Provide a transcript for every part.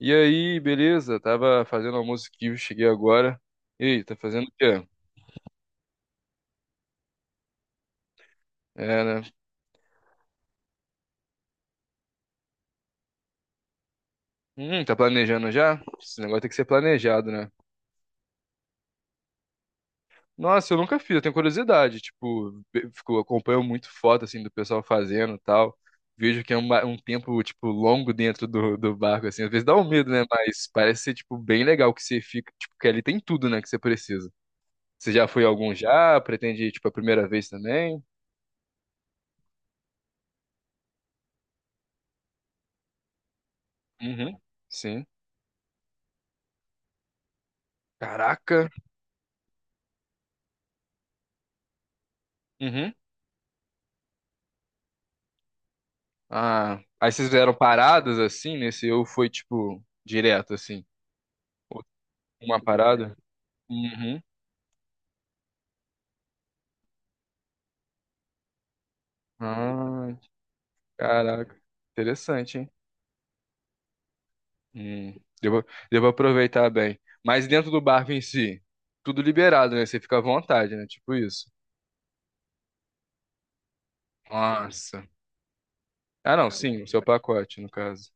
E aí, beleza? Tava fazendo almoço aqui, eu cheguei agora. E aí, tá fazendo o quê? É, né? Tá planejando já? Esse negócio tem que ser planejado, né? Nossa, eu nunca fiz, eu tenho curiosidade. Tipo, fico, acompanho muito foto, assim, do pessoal fazendo e tal. Vejo que é um tempo, tipo, longo dentro do barco, assim. Às vezes dá um medo, né? Mas parece ser, tipo, bem legal que você fica. Tipo, que ali tem tudo, né? Que você precisa. Você já foi algum já? Pretende, ir, tipo, a primeira vez também? Uhum. Sim. Caraca. Uhum. Ah, aí vocês fizeram paradas assim nesse ou foi tipo direto assim? Ou uma parada? Uhum. Ah, caraca. Interessante, hein? Hum, devo, devo aproveitar bem. Mas dentro do barco em si, tudo liberado, né? Você fica à vontade, né? Tipo isso. Nossa. Ah, não, sim, o seu pacote, no caso.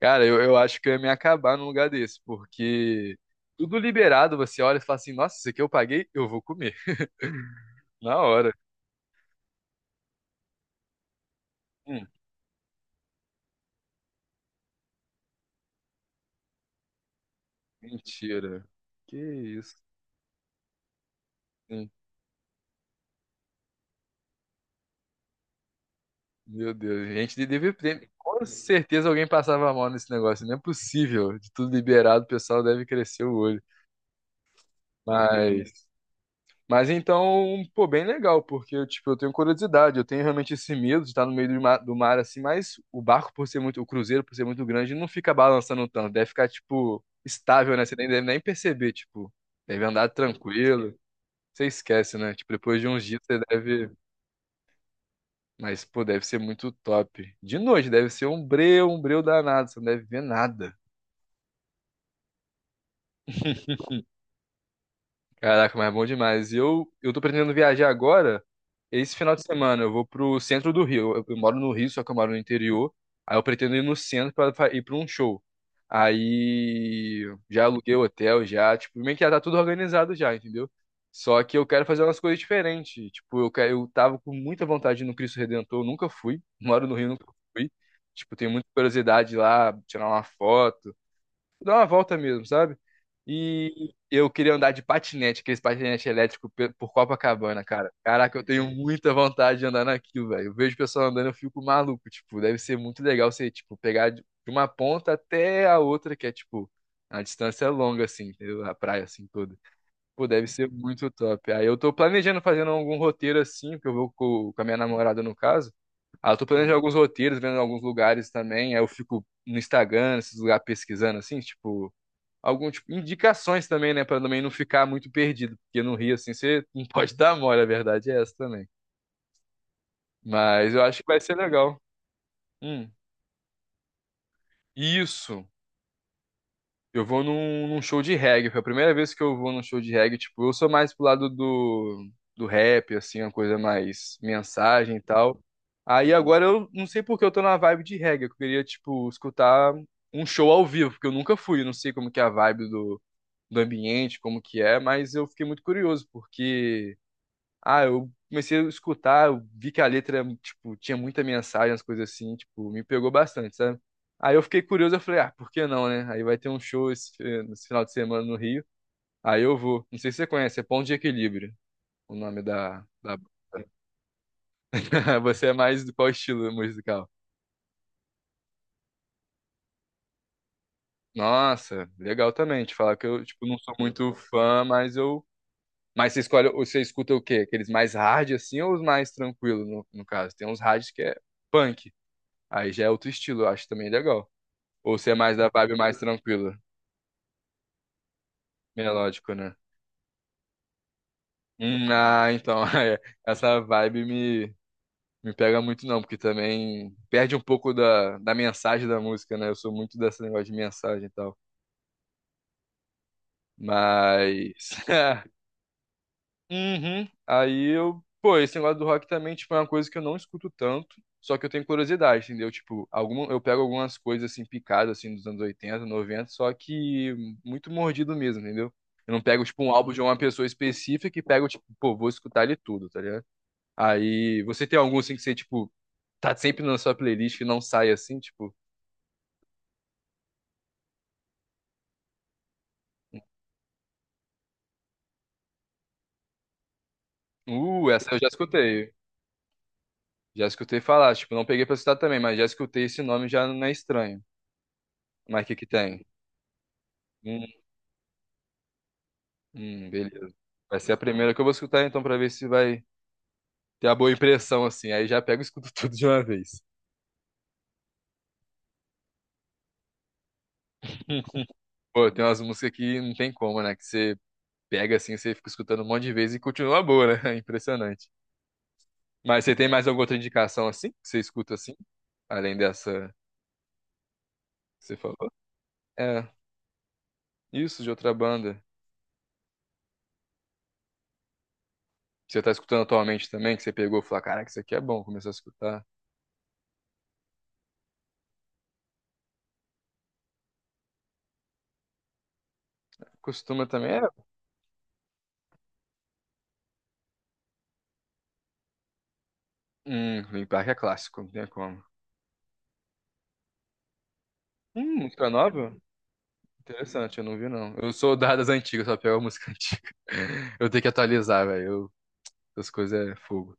Cara, eu acho que eu ia me acabar num lugar desse, porque tudo liberado, você olha e fala assim, nossa, isso aqui eu paguei, eu vou comer. Na hora. Hum. Mentira. Que isso? Sim. Meu Deus, gente de livre prêmio. Com certeza alguém passava mal nesse negócio. Não é possível. De tudo liberado, o pessoal deve crescer o olho. Mas, mas então, pô, bem legal, porque eu, tipo, eu tenho curiosidade, eu tenho realmente esse medo de estar no meio do mar assim, mas o barco por ser muito, o cruzeiro por ser muito grande, não fica balançando tanto, deve ficar, tipo, estável, né? Você nem deve nem perceber, tipo, deve andar tranquilo. Você esquece, né? Tipo, depois de uns dias você deve. Mas, pô, deve ser muito top. De noite, deve ser um breu danado. Você não deve ver nada. Caraca, mas é bom demais. E eu tô pretendendo viajar agora. Esse final de semana eu vou pro centro do Rio. Eu moro no Rio, só que eu moro no interior. Aí eu pretendo ir no centro pra ir pra um show. Aí já aluguei o hotel, já, tipo, meio que já tá tudo organizado já, entendeu? Só que eu quero fazer umas coisas diferentes. Tipo, eu tava com muita vontade de ir no Cristo Redentor, eu nunca fui. Moro no Rio, nunca fui. Tipo, tenho muita curiosidade lá, tirar uma foto, dar uma volta mesmo, sabe? E eu queria andar de patinete, aqueles patinete elétrico por Copacabana, cara. Caraca, eu tenho muita vontade de andar naquilo, velho. Eu vejo o pessoal andando, eu fico maluco, tipo, deve ser muito legal você, tipo, pegar de uma ponta até a outra, que é, tipo, a distância é longa, assim, entendeu? A praia, assim, toda. Pô, deve ser muito top. Aí eu tô planejando fazendo algum roteiro, assim, porque eu vou com, a minha namorada, no caso. Ah, eu tô planejando alguns roteiros, vendo alguns lugares também. Aí eu fico no Instagram, esses lugares pesquisando, assim, tipo algum tipo indicações também, né, pra também não ficar muito perdido, porque no Rio assim você não pode dar mole, a verdade é essa também. Mas eu acho que vai ser legal. Hum. Isso. Eu vou num show de reggae. Foi a primeira vez que eu vou num show de reggae. Tipo, eu sou mais pro lado do, do rap, assim, uma coisa mais mensagem e tal. Aí agora eu não sei por que eu tô na vibe de reggae. Eu queria, tipo, escutar um show ao vivo, porque eu nunca fui. Eu não sei como que é a vibe do, do ambiente, como que é, mas eu fiquei muito curioso, porque ah, eu comecei a escutar, eu vi que a letra, tipo, tinha muita mensagem, as coisas assim, tipo, me pegou bastante, sabe? Aí eu fiquei curioso, eu falei, ah, por que não, né? Aí vai ter um show nesse final de semana no Rio. Aí eu vou. Não sei se você conhece, é Ponto de Equilíbrio, o nome da... Você é mais do qual estilo musical? Nossa, legal também. Te falar que eu, tipo, não sou muito fã, mas eu. Mas você escolhe, você escuta o quê? Aqueles mais hard assim ou os mais tranquilos, no caso? Tem uns hard que é punk. Aí já é outro estilo, eu acho também legal. Ou você é mais da vibe mais tranquila, melódico, né? É, essa me pega muito não, porque também perde um pouco da mensagem da música, né? Eu sou muito desse negócio de mensagem e tal. Mas Uhum. Aí eu, pô, esse negócio do rock também, tipo, é uma coisa que eu não escuto tanto, só que eu tenho curiosidade, entendeu? Tipo, alguma, eu pego algumas coisas assim picadas assim dos anos 80 90 só que muito mordido mesmo, entendeu? Eu não pego tipo um álbum de uma pessoa específica e pego tipo, pô, vou escutar ele tudo, tá ligado? Aí você tem algum assim que você tipo tá sempre na sua playlist e não sai assim, tipo, essa eu já escutei. Já escutei falar, tipo, não peguei pra citar também, mas já escutei esse nome já não é estranho. Mas o que que tem? Hum. Beleza. Vai ser a primeira que eu vou escutar então pra ver se vai ter a boa impressão assim. Aí já pego e escuto tudo de uma vez. Pô, tem umas músicas que não tem como, né? Que você pega assim, você fica escutando um monte de vezes e continua boa, né? É impressionante. Mas você tem mais alguma outra indicação assim? Que você escuta assim? Além dessa que você falou? É, isso de outra banda. Que você tá escutando atualmente também, que você pegou e falou, caraca, isso aqui é bom, começou a escutar. Costuma também é. Linkin Park é clássico, não tem como. Música nova? Interessante, eu não vi não. Eu sou das antigas, só pego a música antiga. Eu tenho que atualizar, velho. Eu- as coisas é fogo.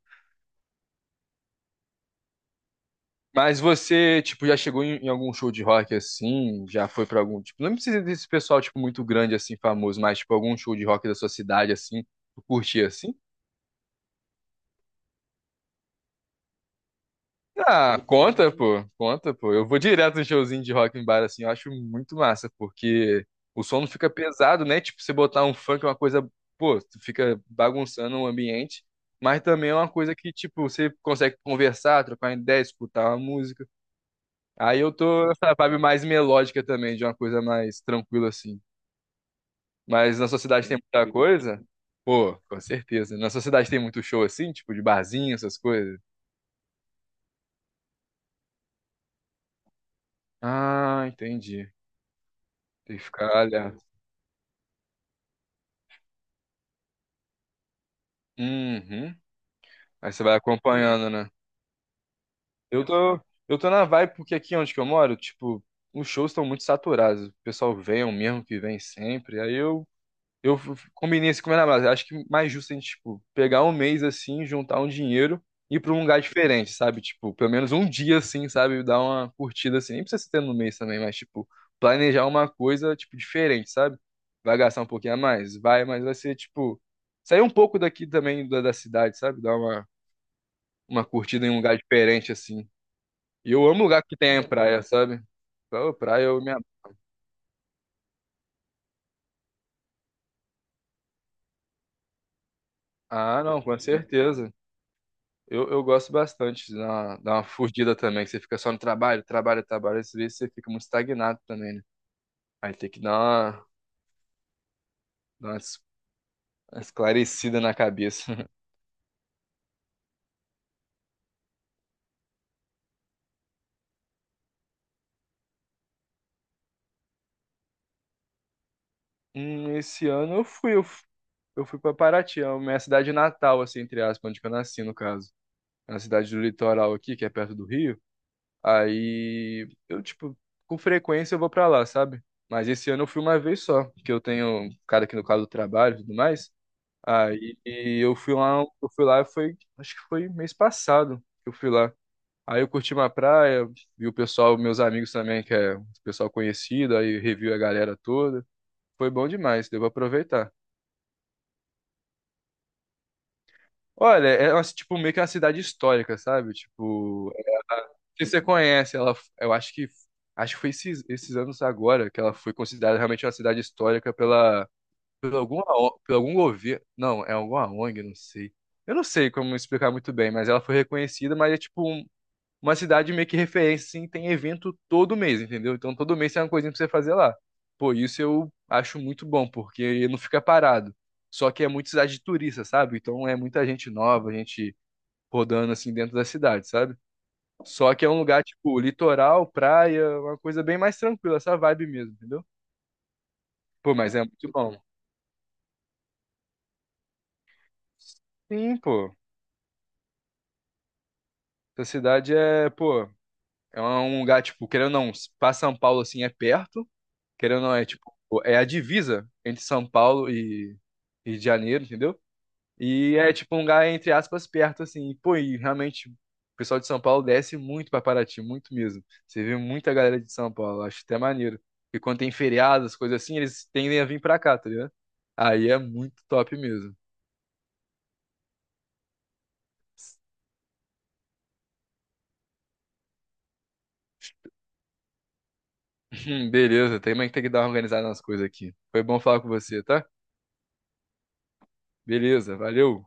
Mas você, tipo, já chegou em algum show de rock assim? Já foi pra algum, tipo, não precisa desse pessoal, tipo, muito grande assim, famoso, mas tipo, algum show de rock da sua cidade assim, tu curtia assim? Ah, conta, pô. Conta, pô. Eu vou direto no showzinho de rock em bar, assim. Eu acho muito massa, porque o som não fica pesado, né? Tipo, você botar um funk é uma coisa, pô, tu fica bagunçando o ambiente, mas também é uma coisa que, tipo, você consegue conversar, trocar ideia, escutar uma música. Aí eu tô nessa vibe mais melódica também, de uma coisa mais tranquila, assim. Mas na sociedade tem muita coisa? Pô, com certeza. Na sociedade tem muito show, assim, tipo, de barzinho, essas coisas. Ah, entendi. Tem que ficar olhando. Uhum. Aí você vai acompanhando, né? Eu tô, eu tô na vibe porque aqui onde que eu moro, tipo, os shows estão muito saturados. O pessoal vem, é o mesmo que vem sempre. Aí eu combinei assim com a minha namorada. Acho que mais justo a gente, tipo, pegar um mês assim, juntar um dinheiro e ir pra um lugar diferente, sabe? Tipo, pelo menos um dia assim, sabe? Dar uma curtida assim. Nem precisa ser no mês também, mas, tipo, planejar uma coisa, tipo, diferente, sabe? Vai gastar um pouquinho a mais? Vai, mas vai ser, tipo, sair um pouco daqui também da cidade, sabe? Dar uma curtida em um lugar diferente, assim. E eu amo lugar que tem praia, sabe? Pô, praia eu me... ab- ah, não, com certeza. Eu gosto bastante de dar uma fugida também, que você fica só no trabalho, trabalho, trabalho, às vezes você fica muito estagnado também, né? Aí tem que dar uma es- uma esclarecida na cabeça. Esse ano eu fui pra Paraty, é a minha cidade natal, assim, entre aspas, onde que eu nasci, no caso. É uma cidade do litoral aqui, que é perto do Rio. Aí eu, tipo, com frequência eu vou pra lá, sabe? Mas esse ano eu fui uma vez só, porque eu tenho um cara aqui no caso do trabalho e tudo mais. Aí eu fui lá, foi, acho que foi mês passado que eu fui lá. Aí eu curti uma praia, vi o pessoal, meus amigos também, que é um pessoal conhecido, aí revi a galera toda. Foi bom demais, devo aproveitar. Olha, é tipo meio que uma cidade histórica, sabe? Tipo, se você conhece, ela, eu acho que foi esses anos agora que ela foi considerada realmente uma cidade histórica pela por alguma O- por algum governo, não, é alguma ONG, não sei. Eu não sei como explicar muito bem, mas ela foi reconhecida, mas é tipo uma cidade meio que referência, assim, tem evento todo mês, entendeu? Então todo mês tem uma coisinha pra você fazer lá. Pô, isso eu acho muito bom, porque não fica parado. Só que é muita cidade de turista, sabe? Então é muita gente nova, gente rodando assim dentro da cidade, sabe? Só que é um lugar, tipo, litoral, praia, uma coisa bem mais tranquila, essa vibe mesmo, entendeu? Pô, mas é muito bom. Sim, pô. Essa cidade é, pô, é um lugar, tipo, querendo ou não, pra São Paulo, assim, é perto. Querendo ou não, é, tipo, é a divisa entre São Paulo e Janeiro, entendeu? E é tipo um lugar, entre aspas, perto, assim. E, pô, e realmente o pessoal de São Paulo desce muito pra Paraty, muito mesmo. Você vê muita galera de São Paulo, acho até maneiro. Porque quando tem feriados, coisas assim, eles tendem a vir pra cá, tá ligado? Aí é muito top mesmo. Beleza, também tem que dar uma organizada nas coisas aqui. Foi bom falar com você, tá? Beleza, valeu.